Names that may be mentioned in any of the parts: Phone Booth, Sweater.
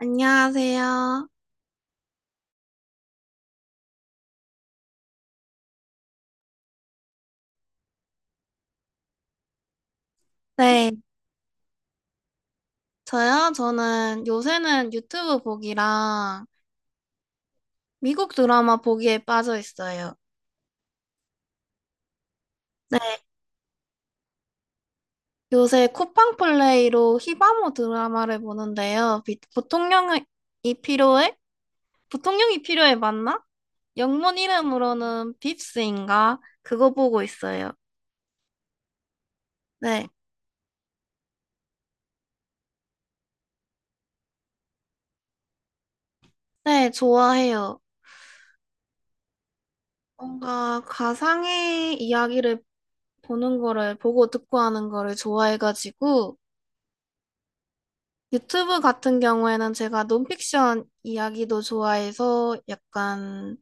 안녕하세요. 네, 저요? 저는 요새는 유튜브 보기랑 미국 드라마 보기에 빠져 있어요. 네, 요새 쿠팡 플레이로 히바모 드라마를 보는데요. 부통령이 필요해? 부통령이 필요해 맞나? 영문 이름으로는 빕스인가? 그거 보고 있어요. 네, 네, 좋아해요. 뭔가 가상의 이야기를 보는 거를 보고 듣고 하는 거를 좋아해가지고 유튜브 같은 경우에는 제가 논픽션 이야기도 좋아해서 약간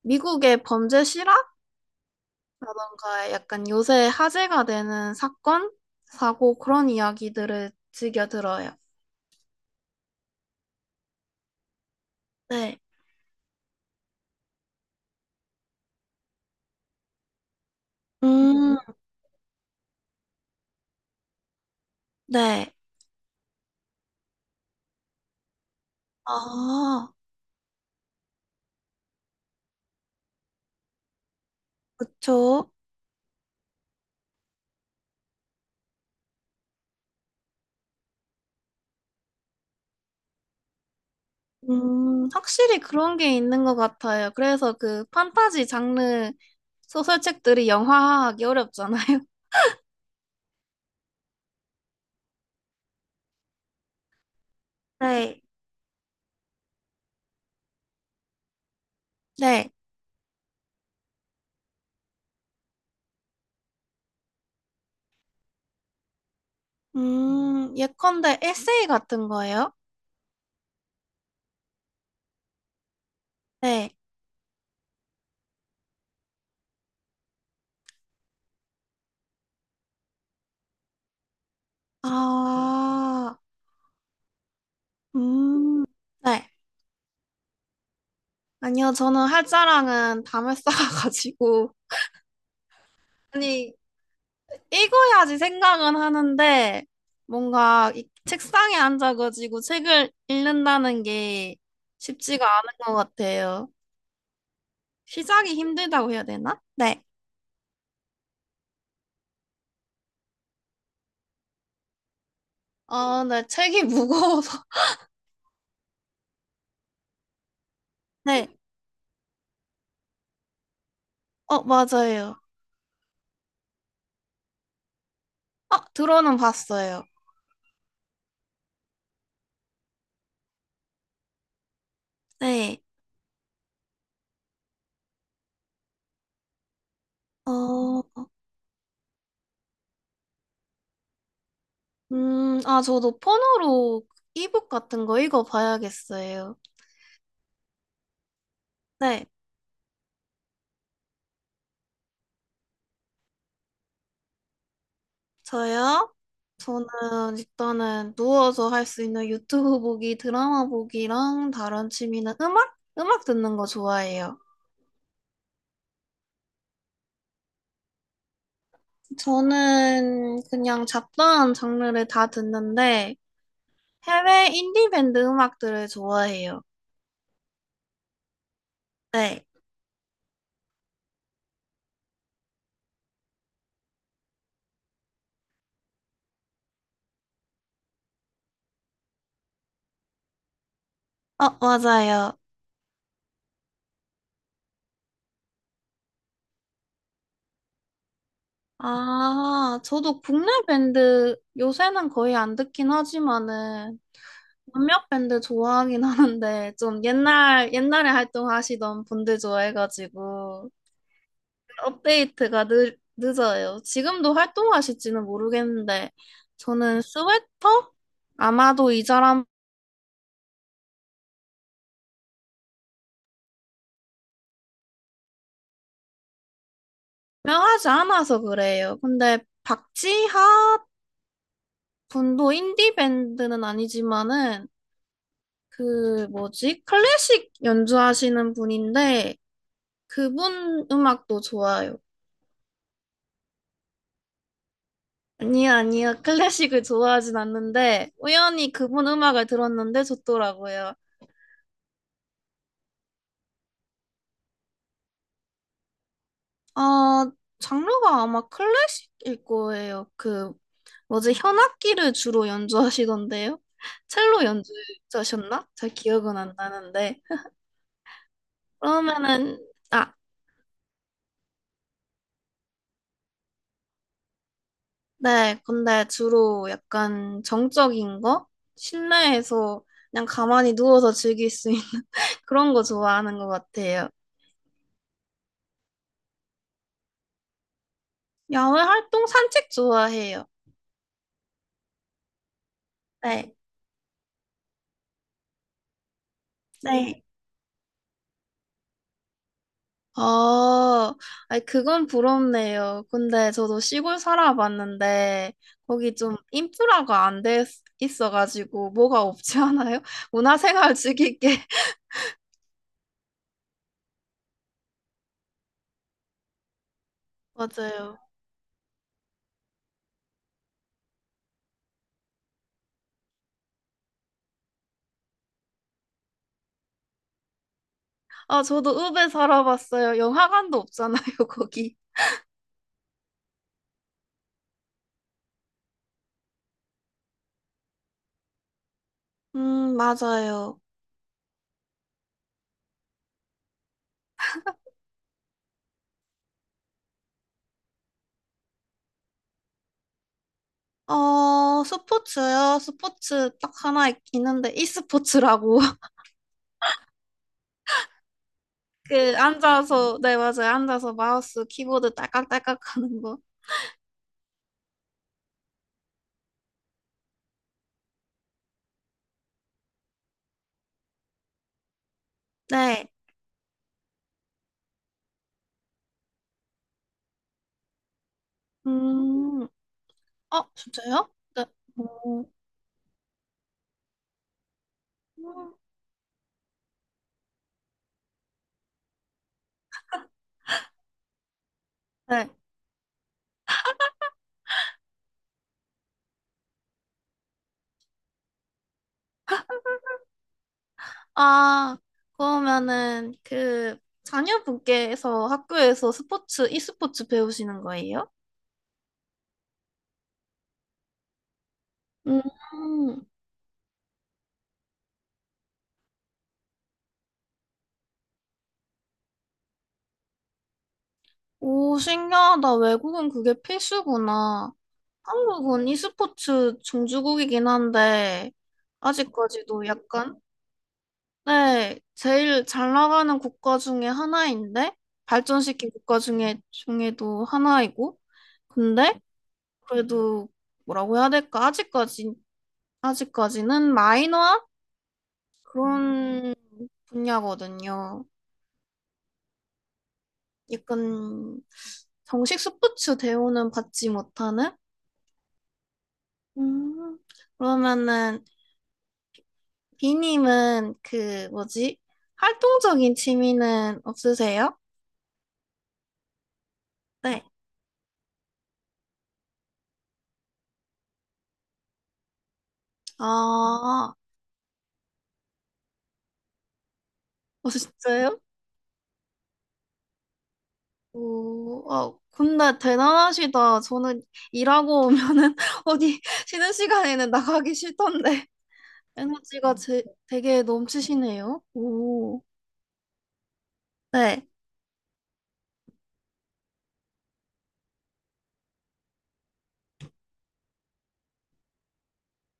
미국의 범죄 실화라던가 약간 요새 화제가 되는 사건, 사고 그런 이야기들을 즐겨 들어요. 네. 음. 네. 아, 그쵸. 확실히 그런 게 있는 것 같아요. 그래서 그 판타지 장르 소설책들이 영화화하기 어렵잖아요. 네. 네. 예컨대 에세이 같은 거예요? 네. 아, 음, 네. 아니요, 저는 할 자랑은 담을 쌓아가지고, 아니, 읽어야지 생각은 하는데, 뭔가 이 책상에 앉아가지고 책을 읽는다는 게 쉽지가 않은 것 같아요. 시작이 힘들다고 해야 되나? 네. 아, 네, 책이 무거워서. 네. 어, 맞아요. 어, 들어는 봤어요. 네. 어, 아, 저도 폰으로 이북 같은 거 읽어봐야겠어요. 네, 저요? 저는 일단은 누워서 할 수 있는 유튜브 보기, 드라마 보기랑 다른 취미는 음악? 음악 듣는 거 좋아해요. 저는 그냥 잡다한 장르를 다 듣는데 해외 인디밴드 음악들을 좋아해요. 네, 어, 맞아요. 아, 저도 국내 밴드 요새는 거의 안 듣긴 하지만은 몇몇 밴드 좋아하긴 하는데 좀 옛날 옛날에 활동하시던 분들 좋아해가지고 업데이트가 늦어요. 지금도 활동하실지는 모르겠는데 저는 스웨터 아마도 이 사람 유명하지 않아서 그래요. 근데 박지하 분도 인디 밴드는 아니지만은 그 뭐지 클래식 연주하시는 분인데 그분 음악도 좋아요. 아니요, 아니요. 클래식을 좋아하진 않는데, 우연히 그분 음악을 들었는데 좋더라고요. 아, 장르가 아마 클래식일 거예요. 그, 뭐지, 현악기를 주로 연주하시던데요? 첼로 연주자셨나? 잘 기억은 안 나는데. 그러면은, 아, 네. 근데 주로 약간 정적인 거? 실내에서 그냥 가만히 누워서 즐길 수 있는 그런 거 좋아하는 것 같아요. 야외 활동 산책 좋아해요. 네. 네. 아, 아니, 그건 부럽네요. 근데 저도 시골 살아봤는데, 거기 좀 인프라가 안 돼 있어가지고, 뭐가 없지 않아요? 문화생활 즐기게. 맞아요. 아, 저도 읍에 살아봤어요. 영화관도 없잖아요, 거기. 맞아요. 어, 스포츠요? 스포츠 딱 하나 있는데, e스포츠라고. 그, 앉아서, 네, 맞아요. 앉아서 마우스, 키보드 딸깍딸깍 하는 거. 네. 음. 어, 진짜요? 네. 오. 음, 네. 아, 그러면은 그 자녀분께서 학교에서 스포츠, e스포츠 배우시는 거예요? 음, 오, 신기하다. 외국은 그게 필수구나. 한국은 e스포츠 종주국이긴 한데, 아직까지도 약간, 네, 제일 잘 나가는 국가 중에 하나인데, 발전시킨 국가 중에도 하나이고, 근데, 그래도 뭐라고 해야 될까? 아직까지, 아직까지는 마이너한 그런 분야거든요. 약간 정식 스포츠 대우는 받지 못하는? 음, 그러면은 비님은 그 뭐지? 활동적인 취미는 없으세요? 네. 아, 어, 진짜요? 오, 어, 근데 대단하시다. 저는 일하고 오면은 어디 쉬는 시간에는 나가기 싫던데. 에너지가 되게 넘치시네요. 오, 네.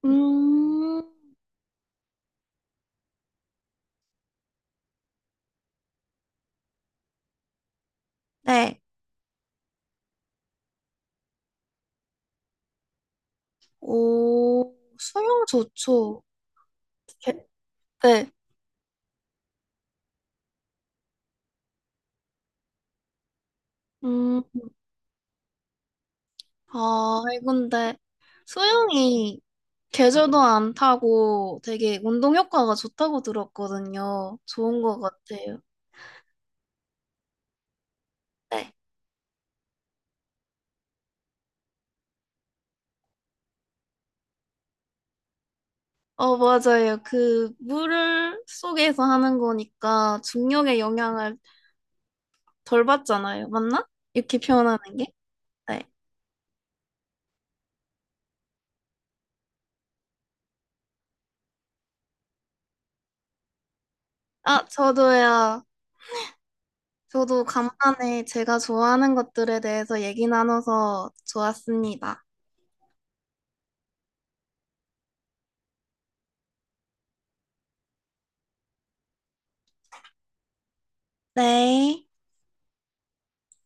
음, 네. 오, 수영 좋죠. 게- 네. 음, 아, 근데 수영이 계절도 안 타고 되게 운동 효과가 좋다고 들었거든요. 좋은 것 같아요. 네. 어, 맞아요. 그 물을 속에서 하는 거니까 중력의 영향을 덜 받잖아요. 맞나? 이렇게 표현하는 게? 네. 아, 저도요. 저도 간만에 제가 좋아하는 것들에 대해서 얘기 나눠서 좋았습니다. 네.